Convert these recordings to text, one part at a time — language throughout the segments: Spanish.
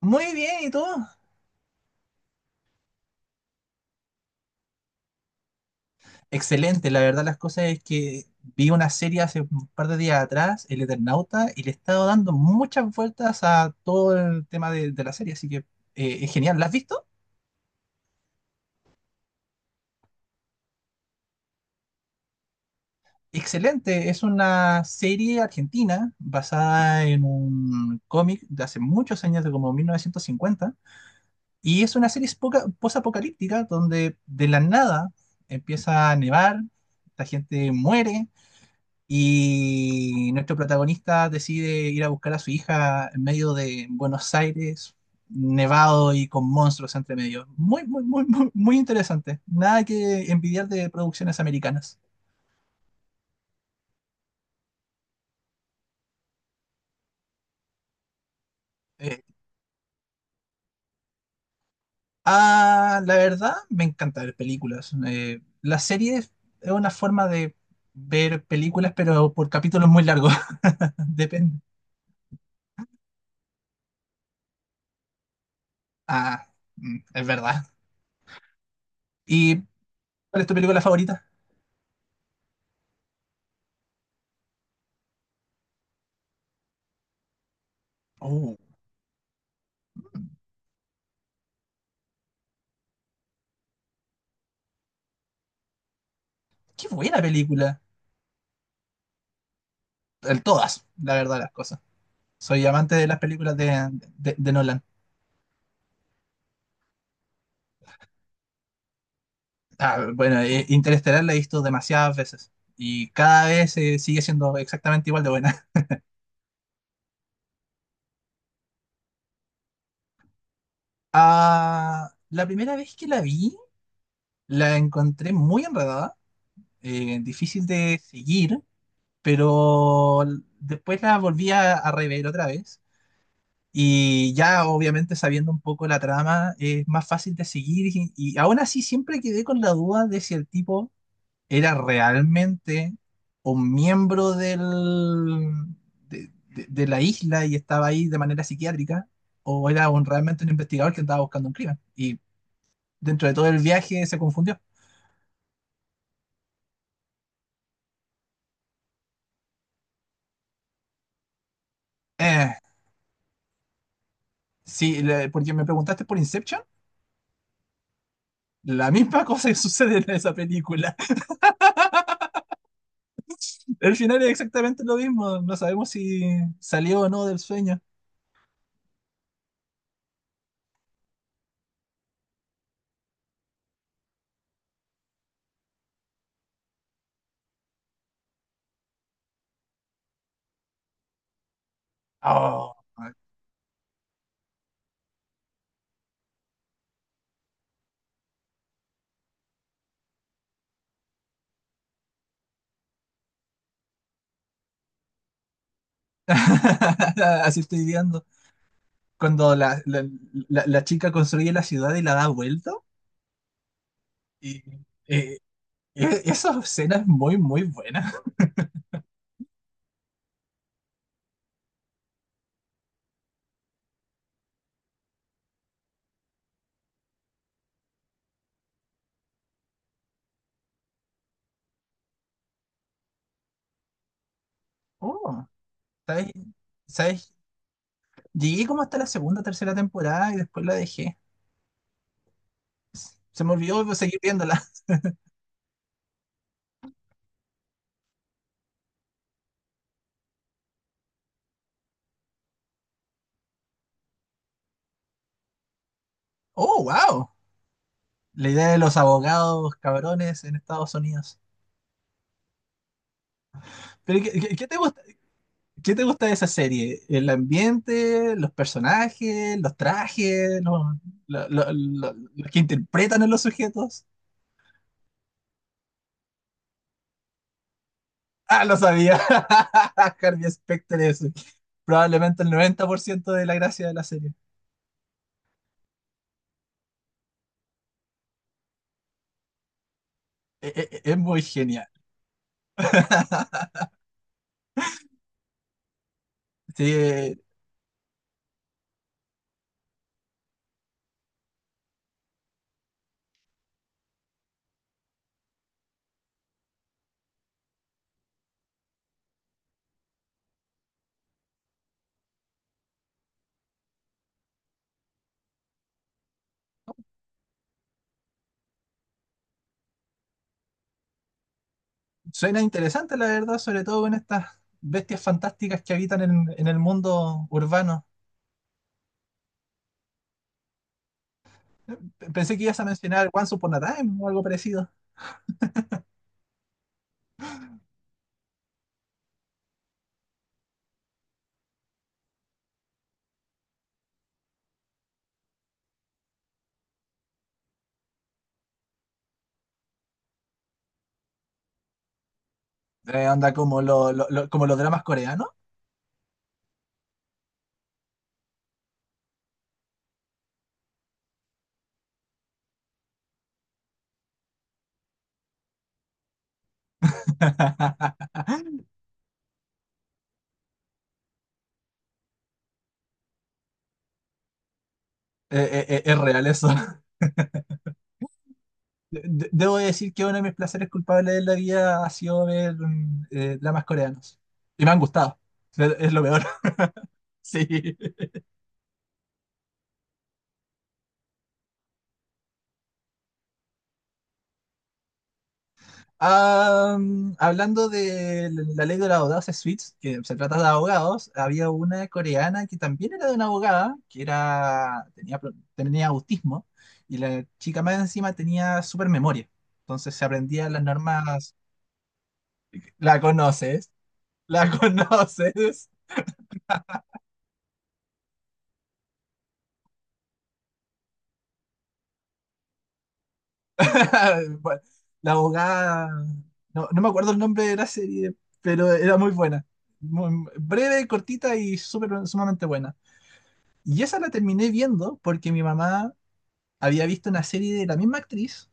Muy bien, ¿y tú? Excelente, la verdad las cosas es que vi una serie hace un par de días atrás, El Eternauta, y le he estado dando muchas vueltas a todo el tema de la serie, así que es genial. ¿La has visto? Excelente, es una serie argentina basada en un cómic de hace muchos años, de como 1950, y es una serie posapocalíptica donde de la nada empieza a nevar, la gente muere. Y nuestro protagonista decide ir a buscar a su hija en medio de Buenos Aires, nevado y con monstruos entre medio. Muy, muy, muy, muy, muy interesante. Nada que envidiar de producciones americanas. Eh, la verdad, me encanta ver películas. La serie es una forma de ver películas, pero por capítulos muy largos. Depende. Ah, es verdad. ¿Y cuál es tu película favorita? Oh, qué buena película. El todas, la verdad, las cosas. Soy amante de las películas de Nolan. Ah, bueno, Interestelar la he visto demasiadas veces, y cada vez sigue siendo exactamente igual de buena. Ah, la primera vez que la vi, la encontré muy enredada, difícil de seguir, pero después la volví a rever otra vez. Y ya obviamente sabiendo un poco la trama es más fácil de seguir, y aún así siempre quedé con la duda de si el tipo era realmente un miembro de la isla y estaba ahí de manera psiquiátrica, o era realmente un investigador que andaba buscando un crimen. Y dentro de todo el viaje se confundió. Eh, sí, porque me preguntaste por Inception. La misma cosa que sucede en esa película. El final es exactamente lo mismo. No sabemos si salió o no del sueño. Oh. Así estoy viendo. Cuando la chica construye la ciudad y la da vuelta. Y, eh, e- esa escena es muy, muy buena. Oh, ¿sabes? ¿Sabes? Llegué como hasta la segunda, tercera temporada y después la dejé. Se me olvidó seguir viéndola. Oh, wow. La idea de los abogados cabrones en Estados Unidos. Pero ¿qué te gusta de esa serie? ¿El ambiente, los personajes, los trajes, los, lo- los que interpretan a los sujetos? Ah, lo sabía. Harvey Specter es probablemente el 90% de la gracia de la serie. Es muy genial. Sí, suena interesante, la verdad, sobre todo en estas bestias fantásticas que habitan en el mundo urbano. Pensé que ibas a mencionar Once Upon a Time o algo parecido. Anda como, lo- como los dramas coreanos. Eh, es real eso. Debo decir que uno de mis placeres culpables de la vida ha sido ver dramas coreanos. Y me han gustado. Es lo peor. Sí. Ah, hablando de la ley de los abogados Suits, que se trata de abogados, había una coreana que también era de una abogada, que tenía autismo, y la chica más encima tenía super memoria. Entonces se aprendía las normas. ¿La conoces? ¿La conoces? La abogada, no, no me acuerdo el nombre de la serie, pero era muy buena. Breve, cortita y súper, sumamente buena. Y esa la terminé viendo porque mi mamá había visto una serie de la misma actriz,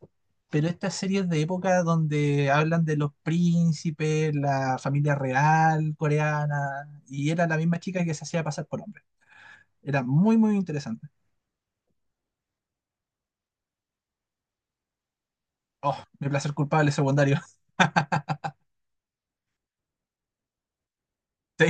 pero esta serie es de época donde hablan de los príncipes, la familia real coreana, y era la misma chica que se hacía pasar por hombre. Era muy, muy interesante. Oh, mi placer culpable secundario. Sí,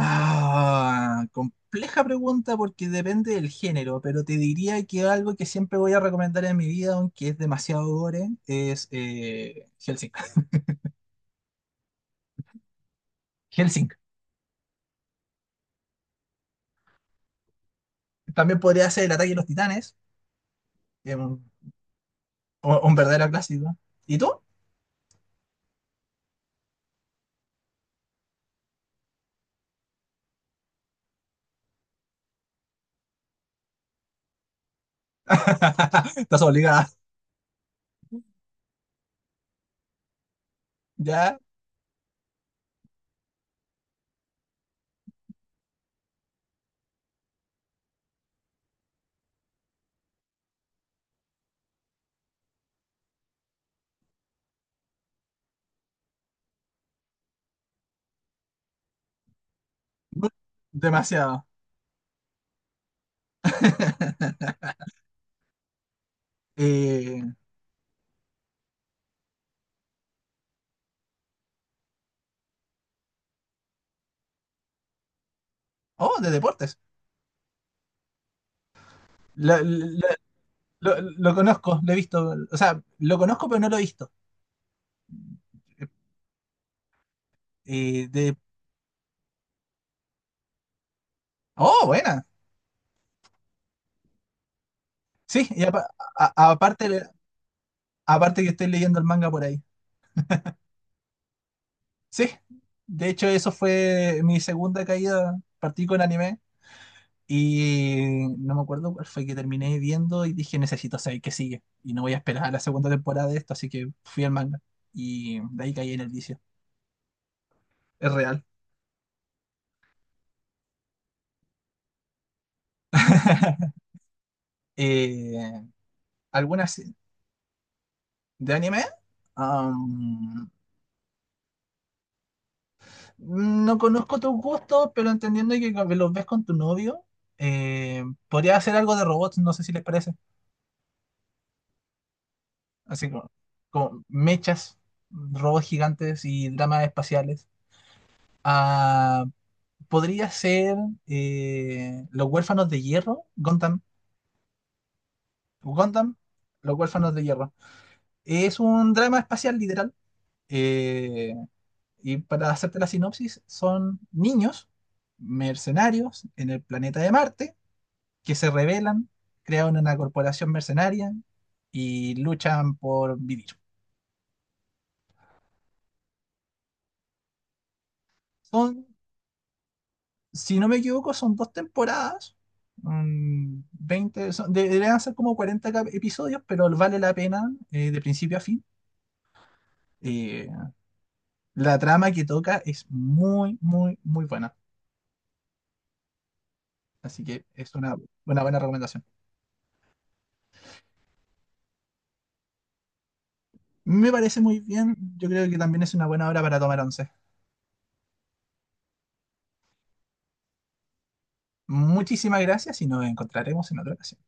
ah, compleja pregunta porque depende del género, pero te diría que algo que siempre voy a recomendar en mi vida, aunque es demasiado gore, es Hellsing. Hellsing. También podría ser El ataque de los titanes, que es un verdadero clásico. ¿Y tú? Estás obligada. ¿Ya? Demasiado. Eh, oh, de deportes. Lo, lo- lo conozco, lo he visto. O sea, lo conozco, pero no lo he visto. Eh, de, oh, buena. Sí, y a- a- aparte, aparte que estoy leyendo el manga por ahí. Sí, de hecho eso fue mi segunda caída, partí con anime y no me acuerdo cuál fue que terminé viendo y dije necesito saber qué sigue y no voy a esperar a la segunda temporada de esto, así que fui al manga y de ahí caí en el vicio. Es real. Eh, ¿Algunas de anime? Um, No conozco tus gustos, pero entendiendo que los ves con tu novio, podría hacer algo de robots, no sé si les parece. Así como mechas, robots gigantes y dramas espaciales. Ah, podría ser Los Huérfanos de Hierro, Gundam, Los Huérfanos de Hierro. Es un drama espacial literal. eh, y para hacerte la sinopsis, son niños mercenarios en el planeta de Marte que se rebelan, crean una corporación mercenaria y luchan por vivir. Son, si no me equivoco, son dos temporadas, 20, deberían ser como 40 episodios, pero vale la pena de principio a fin. Eh, la trama que toca es muy, muy, muy buena. Así que es una buena recomendación. Me parece muy bien. Yo creo que también es una buena hora para tomar once. Muchísimas gracias y nos encontraremos en otra ocasión.